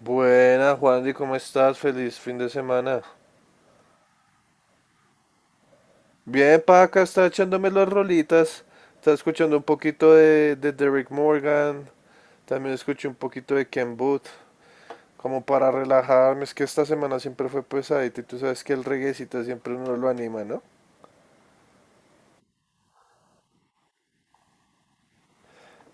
Buenas, Juandy, ¿cómo estás? Feliz fin de semana. Bien, pa, acá está echándome las rolitas. Está escuchando un poquito de Derek Morgan. También escuché un poquito de Ken Booth. Como para relajarme, es que esta semana siempre fue pesadita y tú sabes que el reguecito siempre uno lo anima, ¿no?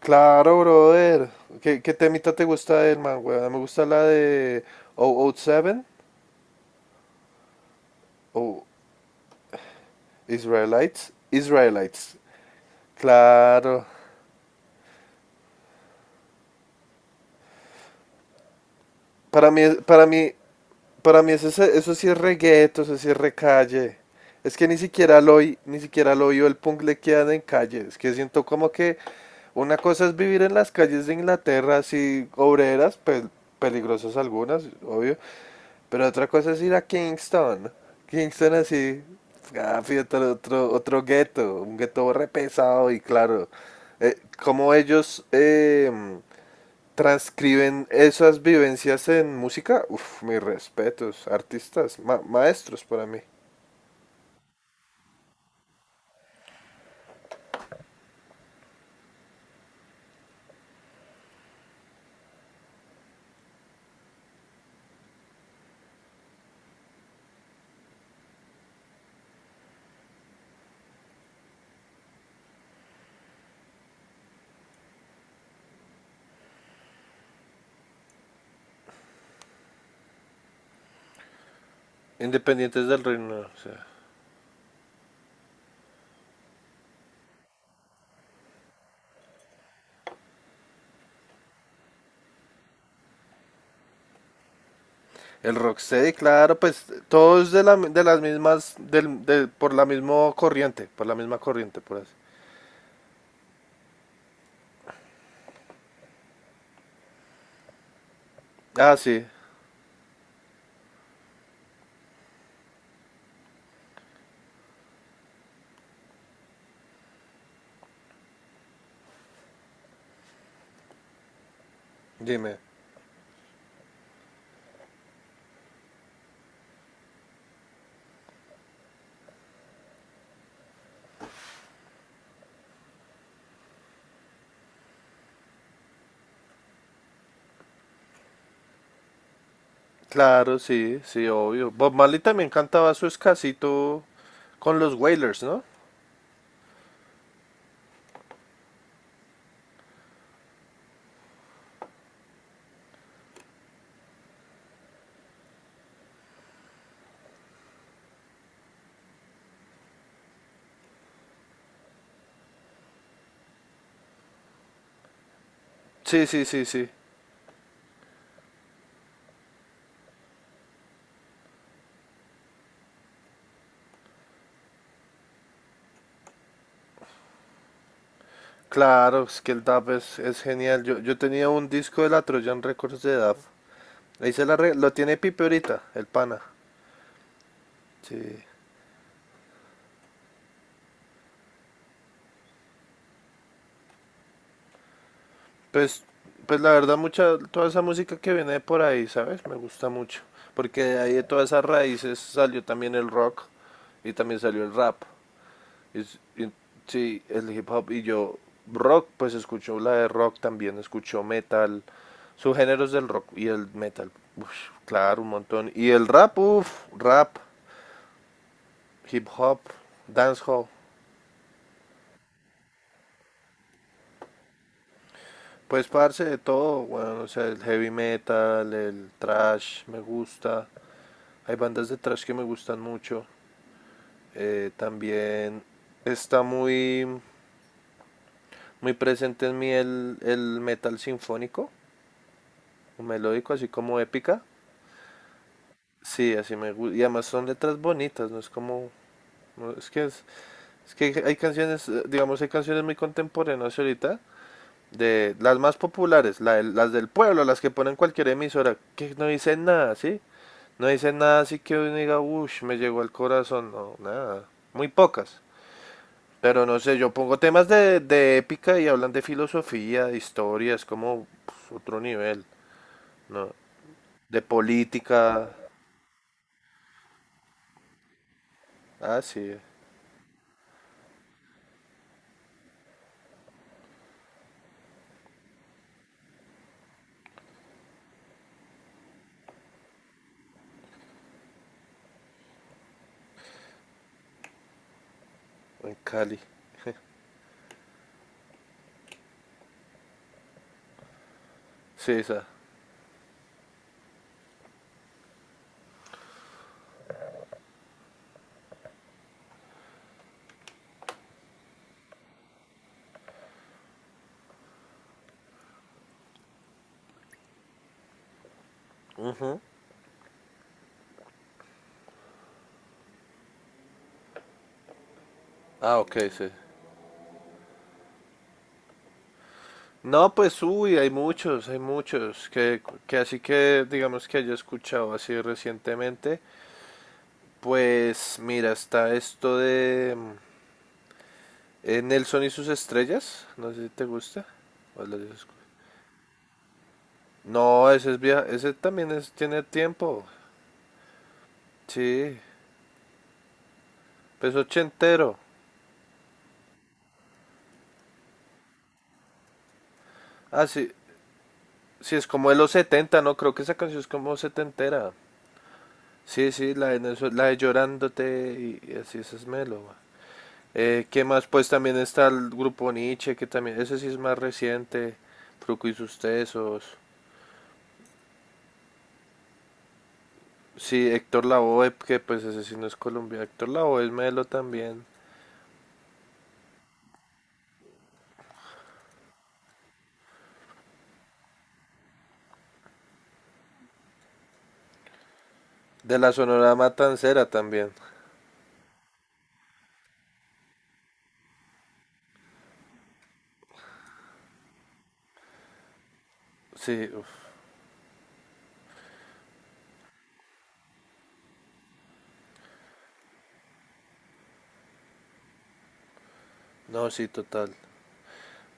Claro, brother. ¿Qué temita te gusta del man, weón? Me gusta la de 007 o Israelites. Israelites. Claro. Para mí, para mí, Para mí eso, eso sí es reggaeto, eso sí es recalle. Es que ni siquiera lo oí o el punk le quedan en calle. Es que siento como que una cosa es vivir en las calles de Inglaterra, así obreras, peligrosas algunas, obvio. Pero otra cosa es ir a Kingston. Kingston así, ah, otro gueto, un gueto re pesado y claro. eh, Como ellos, transcriben esas vivencias en música. Uf, mis respetos, artistas, maestros para mí, independientes del reino, o sea, el rocksteady, claro, pues todos de, la, de las mismas, del, de- por la misma corriente, por así. Ah, sí, dime. Claro, sí, sí, obvio. Bob Marley también cantaba su escasito con los Wailers, ¿no? Sí, sí, sí, sí. Claro, es que el dub es genial. Yo tenía un disco de la Trojan Records de dub. Ahí lo tiene Pipe ahorita, el pana. Sí. Pues, pues la verdad, mucha, toda esa música que viene de por ahí, ¿sabes? Me gusta mucho. Porque de ahí de todas esas raíces salió también el rock y también salió el rap. Y, y- sí, el hip hop. Y yo, rock, pues escucho la de rock también, escucho metal, subgéneros del rock y el metal. Uf, claro, un montón. Y el rap, uff, rap, hip hop, dancehall. Pues parce de todo, bueno, o sea, el heavy metal, el thrash me gusta. Hay bandas de thrash que me gustan mucho. También está muy presente en mí el metal sinfónico, melódico, así como épica. Sí, así me gusta. Y además son letras bonitas, no es como... no, es que hay canciones, digamos, hay canciones muy contemporáneas ahorita de las más populares, la las del pueblo, las que ponen cualquier emisora, que no dicen nada, ¿sí? No dicen nada así que uno diga, uff, me llegó al corazón, no, nada, muy pocas. Pero no sé, yo pongo temas de épica y hablan de filosofía, de historia, es como pues, otro nivel, ¿no? De política, ah, sí, en Cali, sí, esa. Ujú. Ah, ok, sí. No, pues uy, hay muchos, que así que digamos que haya escuchado así recientemente, pues mira, está esto de Nelson y sus estrellas, no sé si te gusta. ¿O lo has no, ese es vieja, ese también es, tiene tiempo, sí, pues ochentero. Ah, sí, sí, es como de los 70, no, creo que esa canción es como setentera. Sí, sí, la de, la de Llorándote y así, esa es Melo. ¿Qué más? Pues también está el grupo Nietzsche, que también, ese sí es más reciente, Fruco y sus tesos. Sí, Héctor Lavoe, que pues ese sí no es Colombia, Héctor Lavoe es Melo también. De la Sonora Matancera también. Sí, uf, no, sí, total.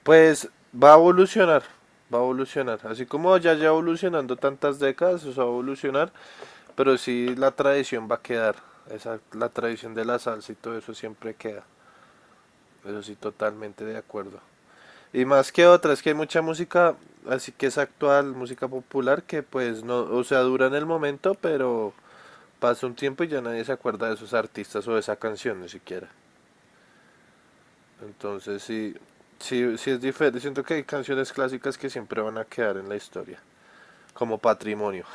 Pues va a evolucionar, va a evolucionar. Así como ya evolucionando tantas décadas, o sea, va a evolucionar, pero sí la tradición va a quedar. Esa, la tradición de la salsa y todo eso siempre queda. Eso sí, totalmente de acuerdo. Y más que otras, que hay mucha música, así que es actual, música popular, que pues no, o sea, dura en el momento, pero pasa un tiempo y ya nadie se acuerda de esos artistas o de esa canción ni siquiera. Entonces sí, sí, sí es diferente. Siento que hay canciones clásicas que siempre van a quedar en la historia, como patrimonio.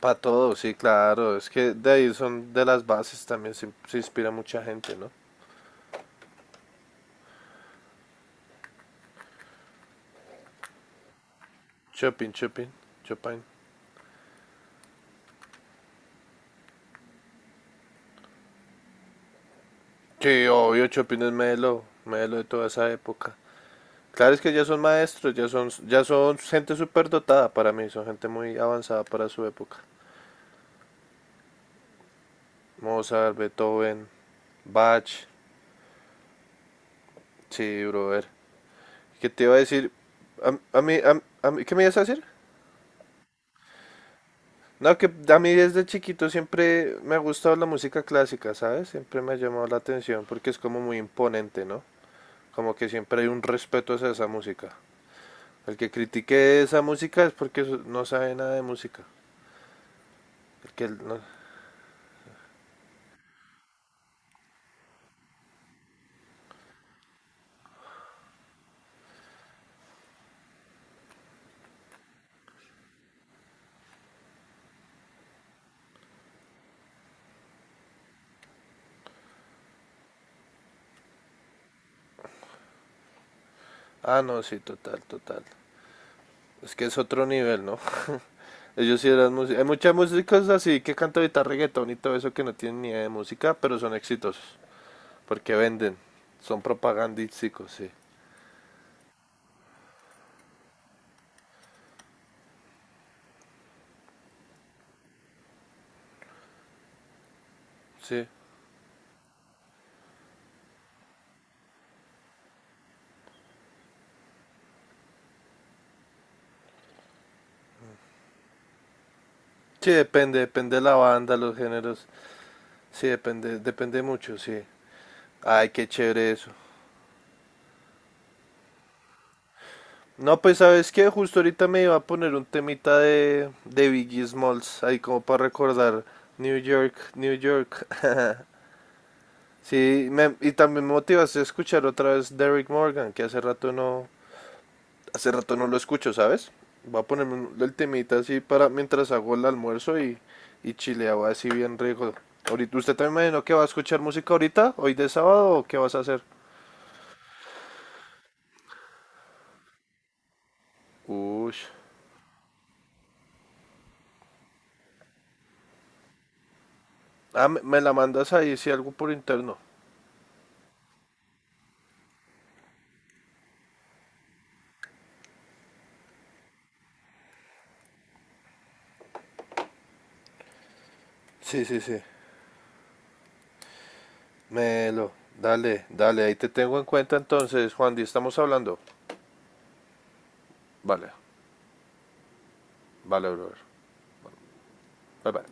Para todo, sí, claro. Es que de ahí son de las bases también, se inspira mucha gente, ¿no? Chopin, Chopin, Chopin. Sí, obvio, Chopin es Melo, Melo de toda esa época. Claro, es que ya son maestros, ya son gente súper dotada para mí, son gente muy avanzada para su época. Mozart, Beethoven, Bach, sí, brother. ¿Qué te iba a decir? ¿Qué me ibas a decir? No, que a mí desde chiquito siempre me ha gustado la música clásica, ¿sabes? Siempre me ha llamado la atención porque es como muy imponente, ¿no? Como que siempre hay un respeto hacia esa música. El que critique esa música es porque no sabe nada de música. El que no... ah, no, sí, total, total. Es que es otro nivel, ¿no? Ellos sí eran músicos. Hay muchas músicas así que cantan ahorita reggaetón y todo eso que no tienen ni idea de música, pero son exitosos. Porque venden. Son propagandísticos, sí. Sí. Sí, depende de la banda, los géneros. Sí, depende mucho, sí. Ay, qué chévere eso. No, pues sabes que justo ahorita me iba a poner un temita de Biggie Smalls, ahí como para recordar New York, New York. Sí, y también me motivas a escuchar otra vez Derrick Morgan, que hace rato no lo escucho, ¿sabes? Voy a ponerme el temita así para mientras hago el almuerzo y chileo así bien rico. Ahorita, ¿usted también me imagino que va a escuchar música ahorita, hoy de sábado, o qué vas a hacer? Uy, ah, me la mandas ahí, si algo por interno. Sí, sí, sí. Melo, dale, dale, ahí te tengo en cuenta entonces, Juan, y estamos hablando. Vale, vale, brother. Bye, bye.